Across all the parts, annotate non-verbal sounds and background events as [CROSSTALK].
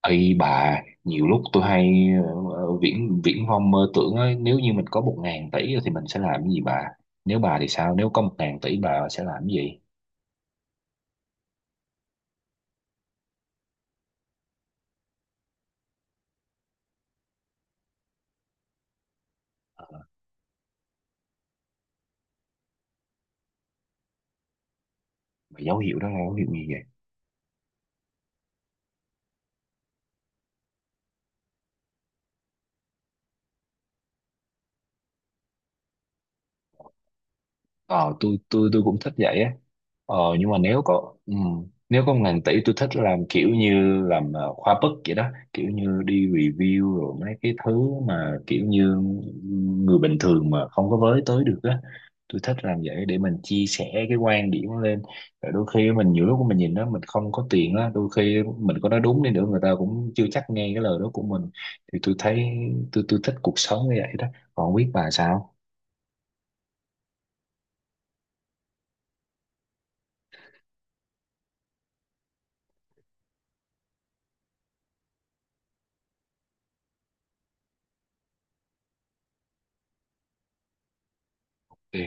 Ây bà, nhiều lúc tôi hay viễn viễn vông mơ tưởng ấy, nếu như mình có 1.000 tỷ thì mình sẽ làm cái gì bà? Nếu bà thì sao? Nếu có 1.000 tỷ bà sẽ làm cái gì? Ờ, mà dấu hiệu đó là dấu hiệu gì vậy? Ờ, tôi cũng thích vậy á. Ờ nhưng mà nếu có 1.000 tỷ tôi thích làm kiểu như làm khoa bức vậy đó, kiểu như đi review rồi mấy cái thứ mà kiểu như người bình thường mà không có với tới được á. Tôi thích làm vậy để mình chia sẻ cái quan điểm lên, rồi đôi khi mình nhiều lúc mình nhìn đó mình không có tiền á, đôi khi mình có nói đúng đi nữa người ta cũng chưa chắc nghe cái lời đó của mình. Thì tôi thấy tôi thích cuộc sống như vậy đó, còn không biết bà sao. Ừ.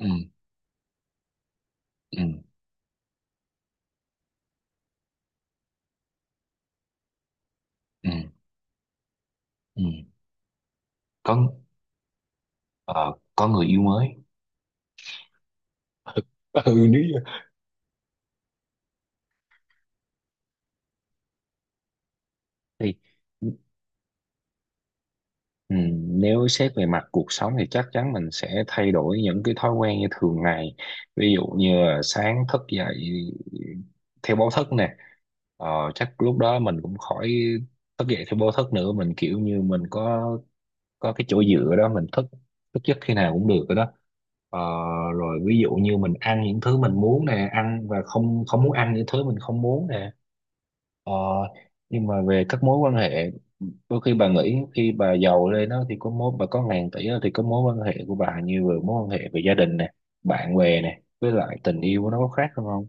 Ừ. Ừ. Ừ. Ừ. Có ờ, có người yêu mới. Ừ nếu thì ừ, nếu xét về mặt cuộc sống thì chắc chắn mình sẽ thay đổi những cái thói quen như thường ngày, ví dụ như là sáng thức dậy theo báo thức nè. Ờ, chắc lúc đó mình cũng khỏi thức dậy theo báo thức nữa, mình kiểu như mình có cái chỗ dựa đó, mình thức thức giấc khi nào cũng được rồi đó. Ờ, rồi ví dụ như mình ăn những thứ mình muốn nè, ăn và không không muốn ăn những thứ mình không muốn nè. Ờ, nhưng mà về các mối quan hệ, đôi khi bà nghĩ khi bà giàu lên đó thì có mối bà có 1.000 tỷ đó, thì có mối quan hệ của bà như vừa mối quan hệ về gia đình nè, bạn bè nè, với lại tình yêu nó có khác không không?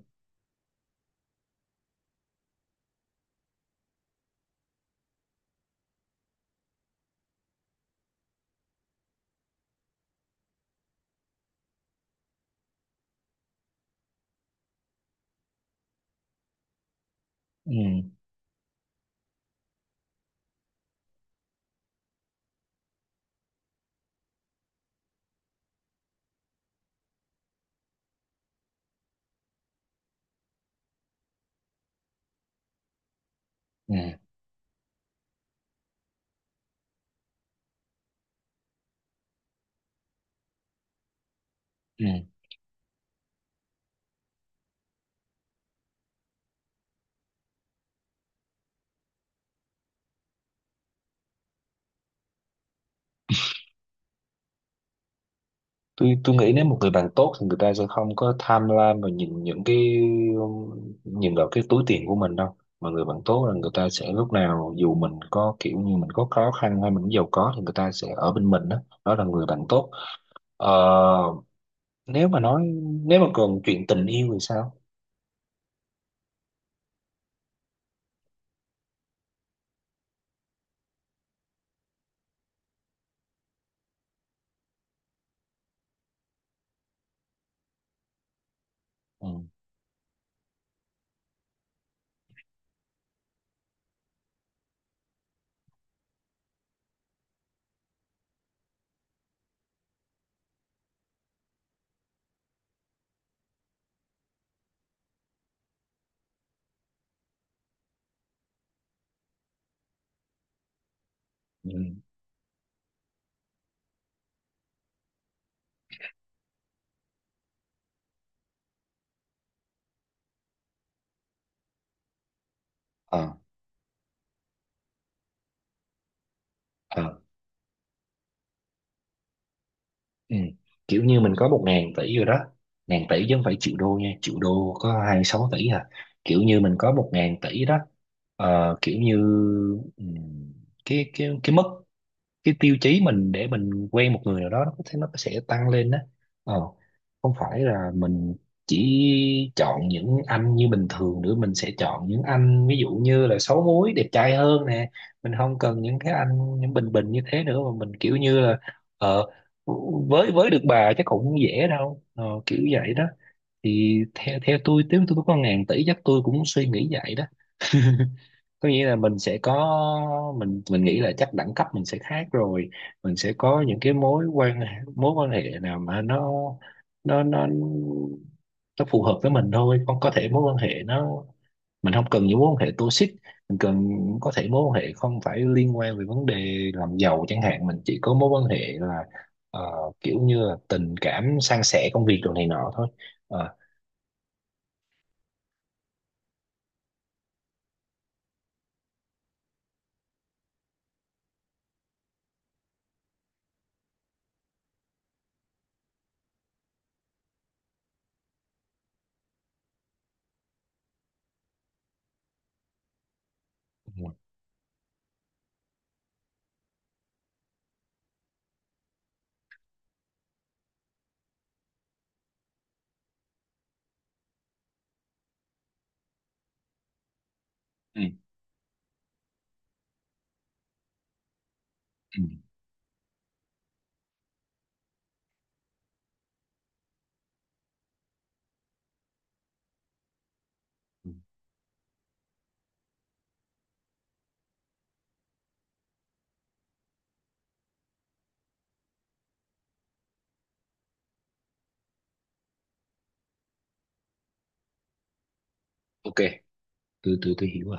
Ừ. Ừ. Ừ. Tôi nghĩ nếu một người bạn tốt thì người ta sẽ không có tham lam và nhìn những cái nhìn vào cái túi tiền của mình đâu. Mà người bạn tốt là người ta sẽ lúc nào dù mình có kiểu như mình có khó khăn hay mình giàu có thì người ta sẽ ở bên mình đó. Đó là người bạn tốt. Ờ, nếu mà nói, nếu mà còn chuyện tình yêu thì sao? Ừ. Ừ. Ờ. Ờ. Ừ. Kiểu như mình có một ngàn tỷ rồi đó. Ngàn tỷ chứ không phải triệu đô nha, triệu đô có 26 tỷ à. Kiểu như mình có một ngàn tỷ đó. Ờ, kiểu như ừ, cái mức, cái tiêu chí mình để mình quen một người nào đó nó có thể nó sẽ tăng lên đó. Ờ, không phải là mình chỉ chọn những anh như bình thường nữa, mình sẽ chọn những anh ví dụ như là xấu múi đẹp trai hơn nè. Mình không cần những cái anh những bình bình như thế nữa mà mình kiểu như là ờ với được bà chắc cũng dễ đâu. Ờ, kiểu vậy đó. Thì theo theo tôi nếu tôi có 1.000 tỷ chắc tôi cũng suy nghĩ vậy đó. Có nghĩa là mình sẽ có mình nghĩ là chắc đẳng cấp mình sẽ khác rồi. Mình sẽ có những cái mối quan hệ nào mà nó nó phù hợp với mình thôi. Không có thể mối quan hệ nó, mình không cần những mối quan hệ toxic, mình cần có thể mối quan hệ không phải liên quan về vấn đề làm giàu chẳng hạn. Mình chỉ có mối quan hệ là ờ, kiểu như là tình cảm, san sẻ công việc đồ này nọ thôi. Ờ, ừ, ừ, ừ. OK, tôi hiểu rồi.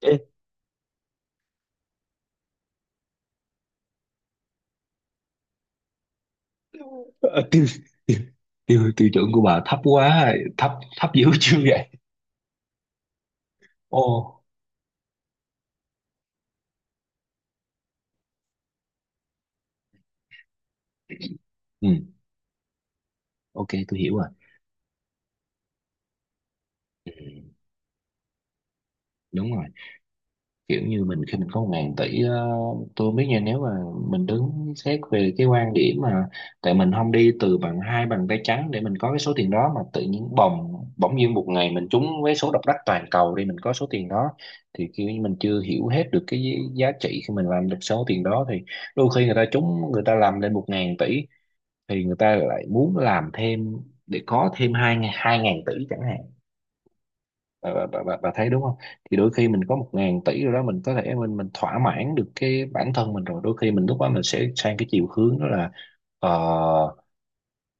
Ừ. Ờ, tiêu tiêu tiêu chuẩn của bà thấp quá, thấp, thấp dữ chưa vậy. Ồ. Ừ. OK tôi hiểu rồi. Ừ, đúng rồi. Kiểu như mình khi mình có một ngàn tỷ ờ, tôi không biết nha, nếu mà mình đứng xét về cái quan điểm mà tại mình không đi từ bằng hai bàn tay trắng để mình có cái số tiền đó, mà tự nhiên bỗng nhiên một ngày mình trúng vé số độc đắc toàn cầu đi, mình có số tiền đó thì kiểu như mình chưa hiểu hết được cái giá trị khi mình làm được số tiền đó. Thì đôi khi người ta trúng người ta làm lên 1.000 tỷ thì người ta lại muốn làm thêm để có thêm 2.000 tỷ chẳng hạn. Bà, bà thấy đúng không? Thì đôi khi mình có một ngàn tỷ rồi đó, mình có thể mình thỏa mãn được cái bản thân mình rồi, đôi khi mình lúc đó mình sẽ sang cái chiều hướng đó là ờ,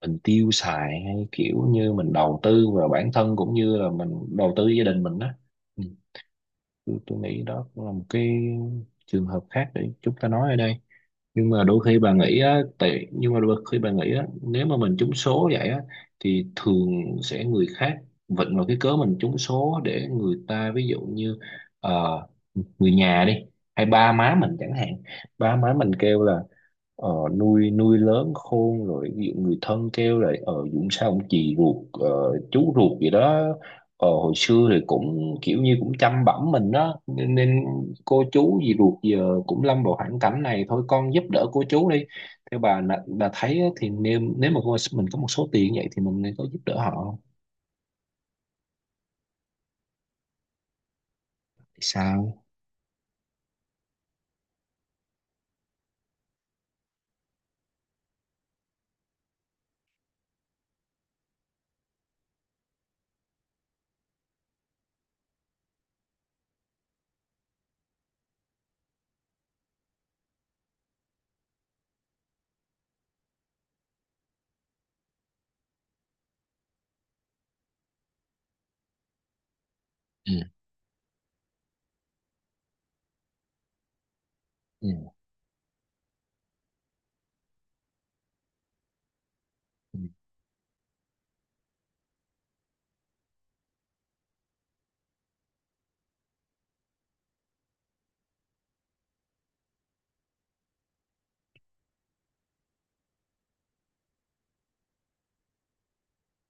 mình tiêu xài hay kiểu như mình đầu tư vào bản thân cũng như là mình đầu tư gia đình mình đó. Ừ. tôi nghĩ đó cũng là một cái trường hợp khác để chúng ta nói ở đây. Nhưng mà đôi khi bà nghĩ á, tại nhưng mà đôi khi bà nghĩ á, nếu mà mình trúng số vậy á thì thường sẽ người khác vịnh vào cái cớ mình trúng số để người ta ví dụ như ờ, người nhà đi hay ba má mình chẳng hạn. Ba má mình kêu là ờ, nuôi nuôi lớn khôn rồi. Ví dụ người thân kêu là ờ Dũng sao ông chị ruột ờ, chú ruột gì đó ờ, hồi xưa thì cũng kiểu như cũng chăm bẵm mình đó nên cô chú gì ruột giờ cũng lâm vào hoàn cảnh này thôi, con giúp đỡ cô chú đi. Theo bà thấy á, thì nếu nếu mà mình có một số tiền như vậy thì mình nên có giúp đỡ họ không? Thì sao. Ừ. Ừ.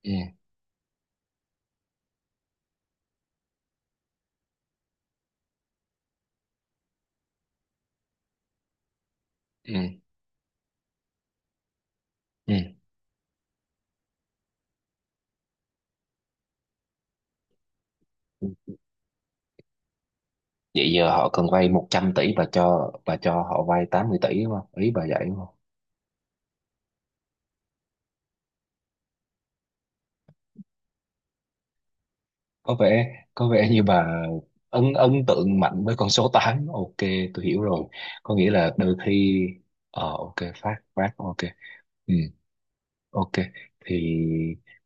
Ừ. Ừ. Ừ. Vậy giờ họ cần vay 100 tỷ và cho họ vay 80 tỷ đúng không, ý bà vậy đúng không? Có vẻ, có vẻ như bà ấn ấn tượng mạnh với con số tám. OK, tôi hiểu rồi. Có nghĩa là đôi khi ờ OK, phát phát OK. Ừ. OK. Thì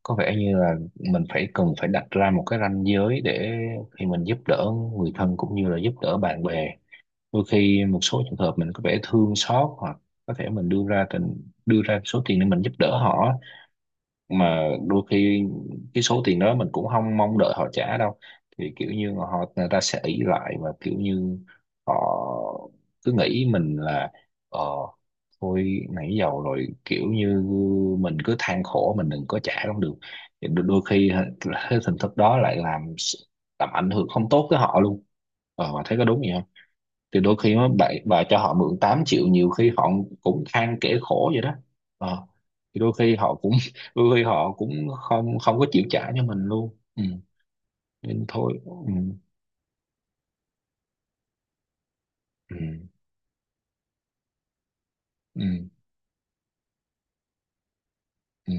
có vẻ như là mình phải cần phải đặt ra một cái ranh giới để khi mình giúp đỡ người thân cũng như là giúp đỡ bạn bè, đôi khi một số trường hợp mình có vẻ thương xót, hoặc có thể mình đưa ra đưa ra số tiền để mình giúp đỡ họ. Mà đôi khi cái số tiền đó mình cũng không mong đợi họ trả đâu, thì kiểu như họ người ta sẽ ỷ lại và kiểu như họ cứ nghĩ mình là ờ thôi nãy giờ rồi kiểu như mình cứ than khổ mình đừng có trả cũng được. Thì đôi đôi khi hả, cái hình thức đó lại làm ảnh hưởng không tốt tới họ luôn. Ờ mà thấy có đúng gì. Thì đôi khi mà bạn bà cho họ mượn 8 triệu nhiều khi họ cũng than kể khổ vậy đó. Ờ. Thì đôi khi họ cũng [LAUGHS] đôi khi họ cũng không không có chịu trả cho mình luôn. Ừ. Nên thôi. Ừ. Ừ. Ừ. Ừ.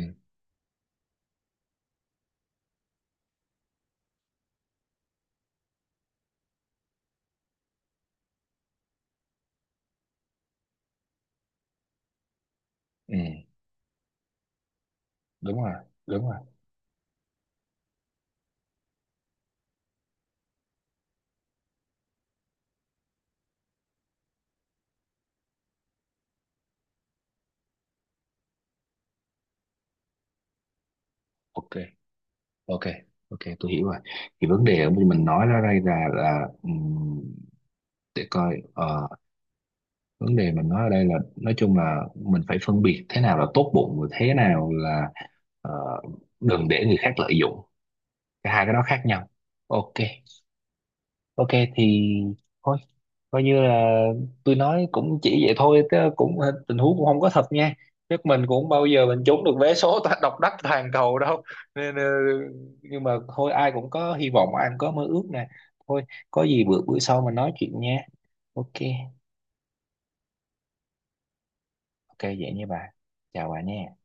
Ừ. Đúng rồi, đúng rồi. OK. OK. OK tôi hiểu rồi. Thì vấn đề của mình nói ra đây là để coi ờ, vấn đề mình nói ở đây là nói chung là mình phải phân biệt thế nào là tốt bụng và thế nào là ờ, đừng để người khác lợi dụng. Cả hai cái đó khác nhau. OK. OK. Thì thôi coi như là tôi nói cũng chỉ vậy thôi chứ cũng tình huống cũng không có thật nha. Nước mình cũng bao giờ mình trúng được vé số độc đắc toàn cầu đâu nên ờ, nhưng mà thôi ai cũng có hy vọng, ai cũng có mơ ước nè. Thôi có gì bữa bữa sau mình nói chuyện nha. OK. OK vậy nha bà, chào bà nha.